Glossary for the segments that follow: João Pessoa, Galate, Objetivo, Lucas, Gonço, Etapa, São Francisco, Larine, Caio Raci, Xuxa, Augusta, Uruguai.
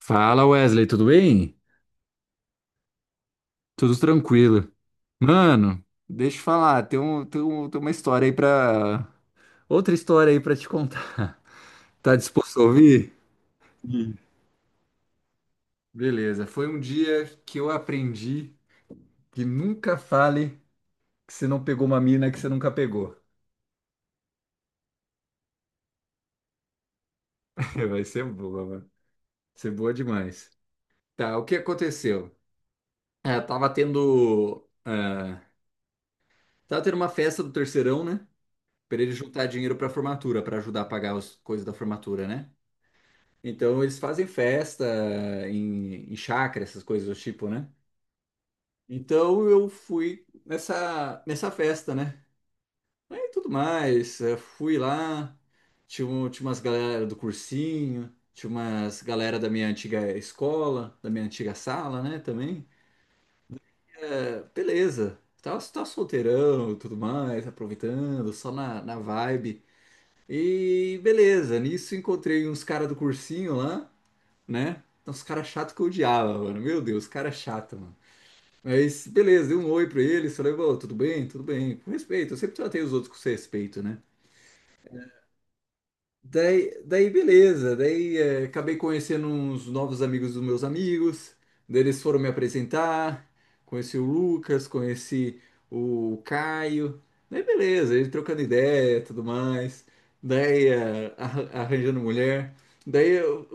Fala Wesley, tudo bem? Tudo tranquilo. Mano, deixa eu falar, tem uma história aí pra. Outra história aí pra te contar. Tá disposto a ouvir? Sim. Beleza, foi um dia que eu aprendi que nunca fale que você não pegou uma mina que você nunca pegou. Vai ser boa, mano. Vai ser boa demais. Tá, o que aconteceu? É, tava tendo uma festa do terceirão, né? Pra ele juntar dinheiro pra formatura, pra ajudar a pagar as coisas da formatura, né? Então eles fazem festa em chácara, essas coisas do tipo, né? Então eu fui nessa festa, né? Aí tudo mais, fui lá, tinha umas galera do cursinho, tinha umas galera da minha antiga escola, da minha antiga sala, né, também. Beleza, tava solteirão e tudo mais, aproveitando, só na vibe. E beleza, nisso encontrei uns caras do cursinho lá, né? Então, os caras chatos que eu odiava, mano. Meu Deus, cara chato, mano. Mas, beleza, dei um oi pra ele, falei, "Ô, tudo bem, com respeito. Eu sempre tratei os outros com respeito, né? Daí beleza, daí acabei conhecendo uns novos amigos dos meus amigos, daí eles foram me apresentar, conheci o Lucas, conheci o Caio, daí beleza, ele trocando ideia e tudo mais, daí arranjando mulher, daí eu,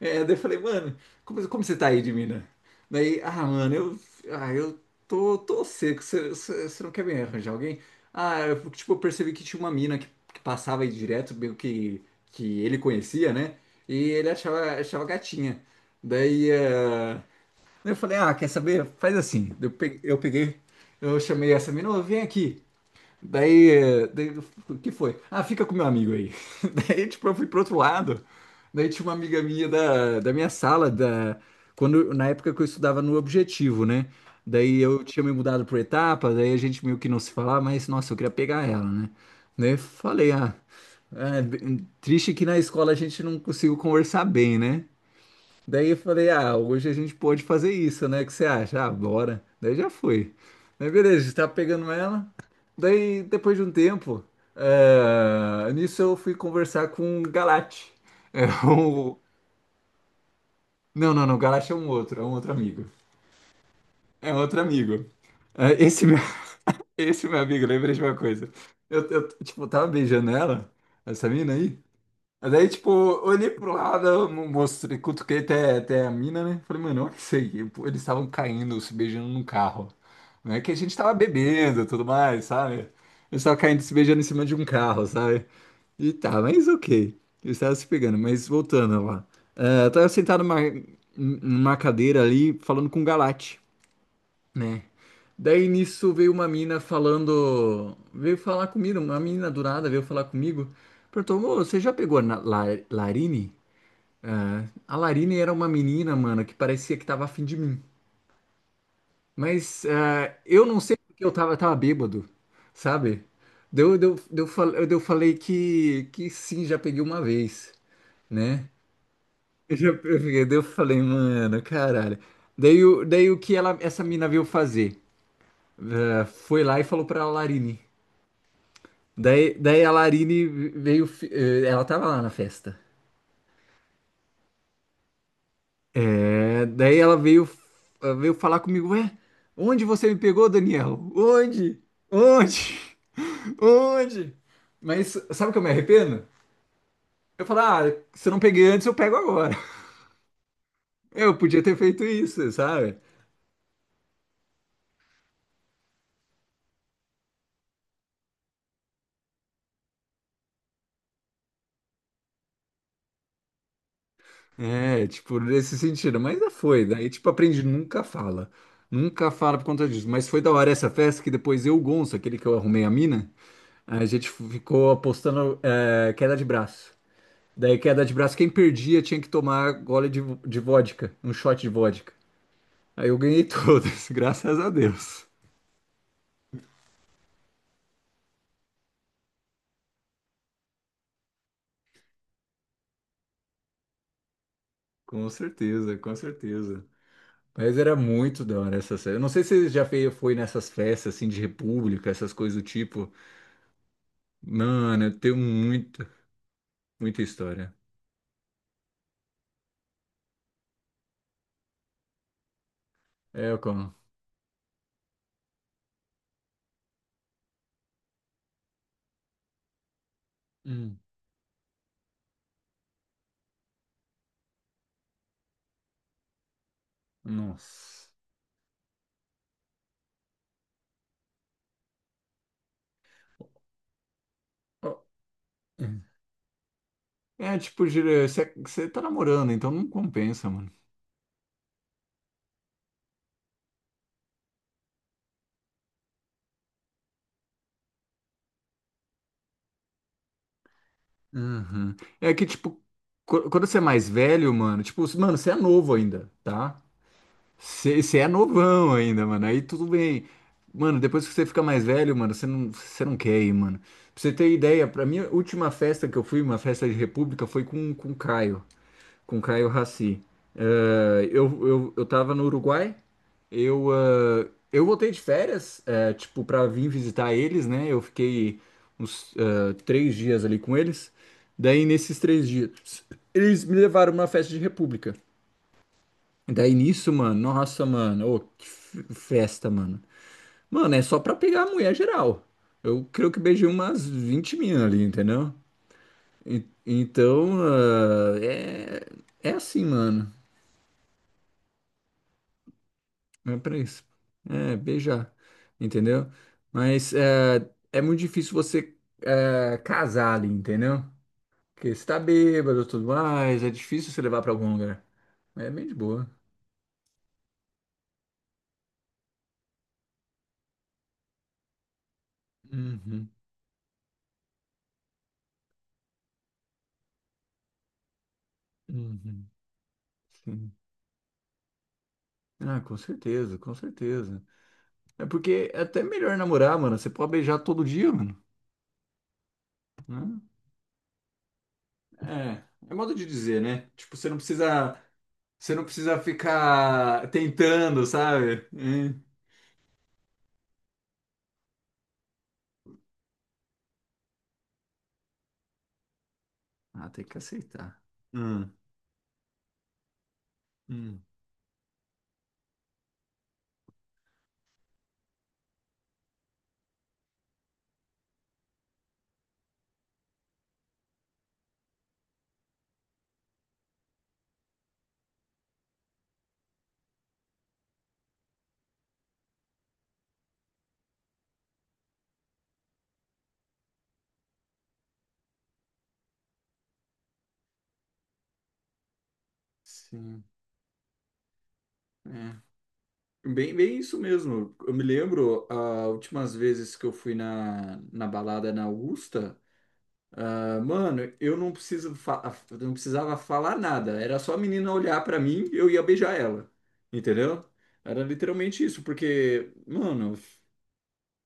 É, daí eu falei, mano, como você tá aí de mina? Daí, ah, mano, eu tô seco, você não quer me arranjar alguém? Ah, tipo, eu percebi que tinha uma mina que passava aí direto, meio que ele conhecia, né? E ele achava gatinha. Daí, eh, daí eu falei, ah, quer saber? Faz assim. Daí eu peguei, eu chamei essa mina, ô, vem aqui. Daí, o que foi? Ah, fica com meu amigo aí. Daí, tipo, eu fui pro outro lado. Daí tinha uma amiga minha da minha sala, quando, na época que eu estudava no Objetivo, né? Daí eu tinha me mudado pro Etapa, daí a gente meio que não se falava, mas, nossa, eu queria pegar ela, né? Daí eu falei, ah, é, triste que na escola a gente não conseguiu conversar bem, né? Daí eu falei, ah, hoje a gente pode fazer isso, né? O que você acha? Ah, bora. Daí já foi. Aí beleza, estava pegando ela. Daí, depois de um tempo, nisso eu fui conversar com o Galate. É o... Não, não, não, o Galate é um outro, amigo. É um outro amigo. Eh, esse, meu, Esse meu amigo, lembrei de uma coisa. Eu, tipo, tava beijando ela, essa mina aí. Mas daí, tipo, olhei pro lado, mostrei, cutuquei até a mina, né? Falei, mano, olha isso aí. Pô, eles estavam caindo, se beijando no carro. Não é que a gente tava bebendo e tudo mais, sabe? Eles estavam caindo, se beijando em cima de um carro, sabe? E tá, mas ok. Eles estavam se pegando, mas voltando lá. Ah, eu tava sentado numa cadeira ali, falando com o Galate, né? Daí nisso veio uma mina falando, veio falar comigo, uma menina do nada veio falar comigo, perguntou, "Ô, você já pegou na Larine? Ah, a Larine era uma menina, mano, que parecia que tava afim de mim, mas eu não sei porque eu tava bêbado, sabe? Deu falei que sim, já peguei uma vez, né? Eu já peguei, daí eu falei, mano, caralho. Daí o que ela, essa mina veio fazer? Ah, foi lá e falou pra Larine. Daí a Larine veio, ela tava lá na festa. É, daí ela veio falar comigo: Ué, onde você me pegou, Daniel? Onde? Onde? Onde? Mas sabe o que eu me arrependo? Eu falo: Ah, se eu não peguei antes, eu pego agora. Eu podia ter feito isso, sabe? É, tipo, nesse sentido. Mas já foi. Daí, tipo, aprendi: nunca fala. Nunca fala por conta disso. Mas foi da hora essa festa que depois eu, o Gonço, aquele que eu arrumei a mina. A gente ficou apostando queda de braço. Daí, queda de braço, quem perdia tinha que tomar gole de vodka, um shot de vodka. Aí eu ganhei todas, graças a Deus. Com certeza, com certeza. Mas era muito da hora essa festa. Eu não sei se você já foi nessas festas assim de república, essas coisas do tipo. Mano, eu tenho muita, muita história. É, como? Hum, nossa. Ó, é tipo, você tá namorando, então não compensa, mano. Uhum. É que, tipo, quando você é mais velho, mano, tipo, mano, você é novo ainda, tá? Você é novão ainda, mano, aí tudo bem. Mano, depois que você fica mais velho, mano, você não quer ir, mano. Pra você ter ideia, pra minha última festa que eu fui, uma festa de república, foi com o Caio, com o Caio Raci. Eu tava no Uruguai, eu, ah, eu voltei de férias, tipo, pra vir visitar eles, né? Eu fiquei uns três dias ali com eles. Daí, nesses três dias, eles me levaram numa festa de república. Daí, nisso, mano, nossa, mano, ô, que festa, mano. Mano, é só pra pegar a mulher geral. Eu creio que beijei umas 20 minas ali, entendeu? Então, é assim, mano. É pra isso. É, beijar. Entendeu? Mas é muito difícil você casar ali, entendeu? Porque você tá bêbado e tudo mais, é difícil você levar pra algum lugar. É bem de boa. Uhum, uhum. Sim. Ah, com certeza, com certeza. É porque é até melhor namorar, mano. Você pode beijar todo dia, mano, né? É, é modo de dizer, né? Tipo, você não precisa ficar tentando, sabe? É. Ah, tem que aceitar. Hum, hum, sim, é. Bem, bem isso mesmo. Eu me lembro, as últimas vezes que eu fui na balada na Augusta, ah, mano, eu não precisava falar nada. Era só a menina olhar pra mim e eu ia beijar ela. Entendeu? Era literalmente isso, porque, mano,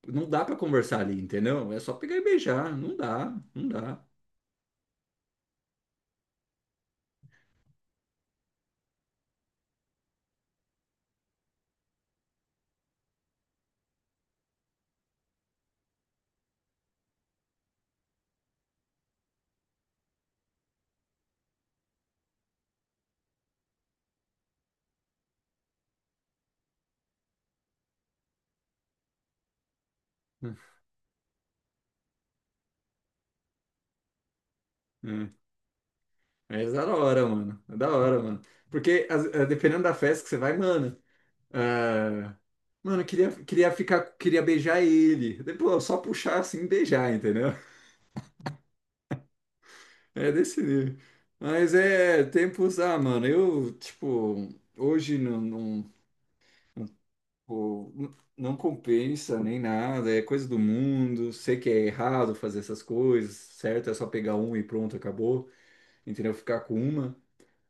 não dá pra conversar ali, entendeu? É só pegar e beijar. Não dá, não dá. Mas da hora, mano. É, da hora, mano. Porque dependendo da festa que você vai, mano. Ah, mano, eu queria ficar, queria beijar ele. Depois, só puxar assim e beijar, entendeu? É desse nível. Mas é tempos, mano, eu, tipo, hoje não, não, tipo, não compensa nem nada, é coisa do mundo. Sei que é errado fazer essas coisas, certo? É só pegar uma e pronto, acabou. Entendeu? Ficar com uma.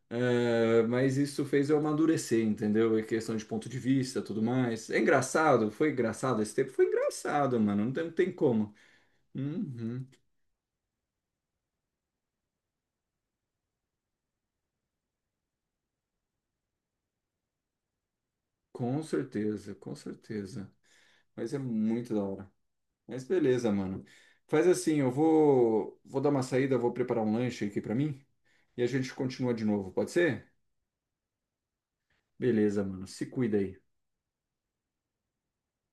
É, mas isso fez eu amadurecer, entendeu? É questão de ponto de vista, tudo mais. É engraçado, foi engraçado esse tempo? Foi engraçado, mano. Não tem, não tem como. Uhum, com certeza, com certeza. Mas é muito da hora. Mas beleza, mano. Faz assim, eu vou dar uma saída, vou preparar um lanche aqui pra mim e a gente continua de novo, pode ser? Beleza, mano. Se cuida aí.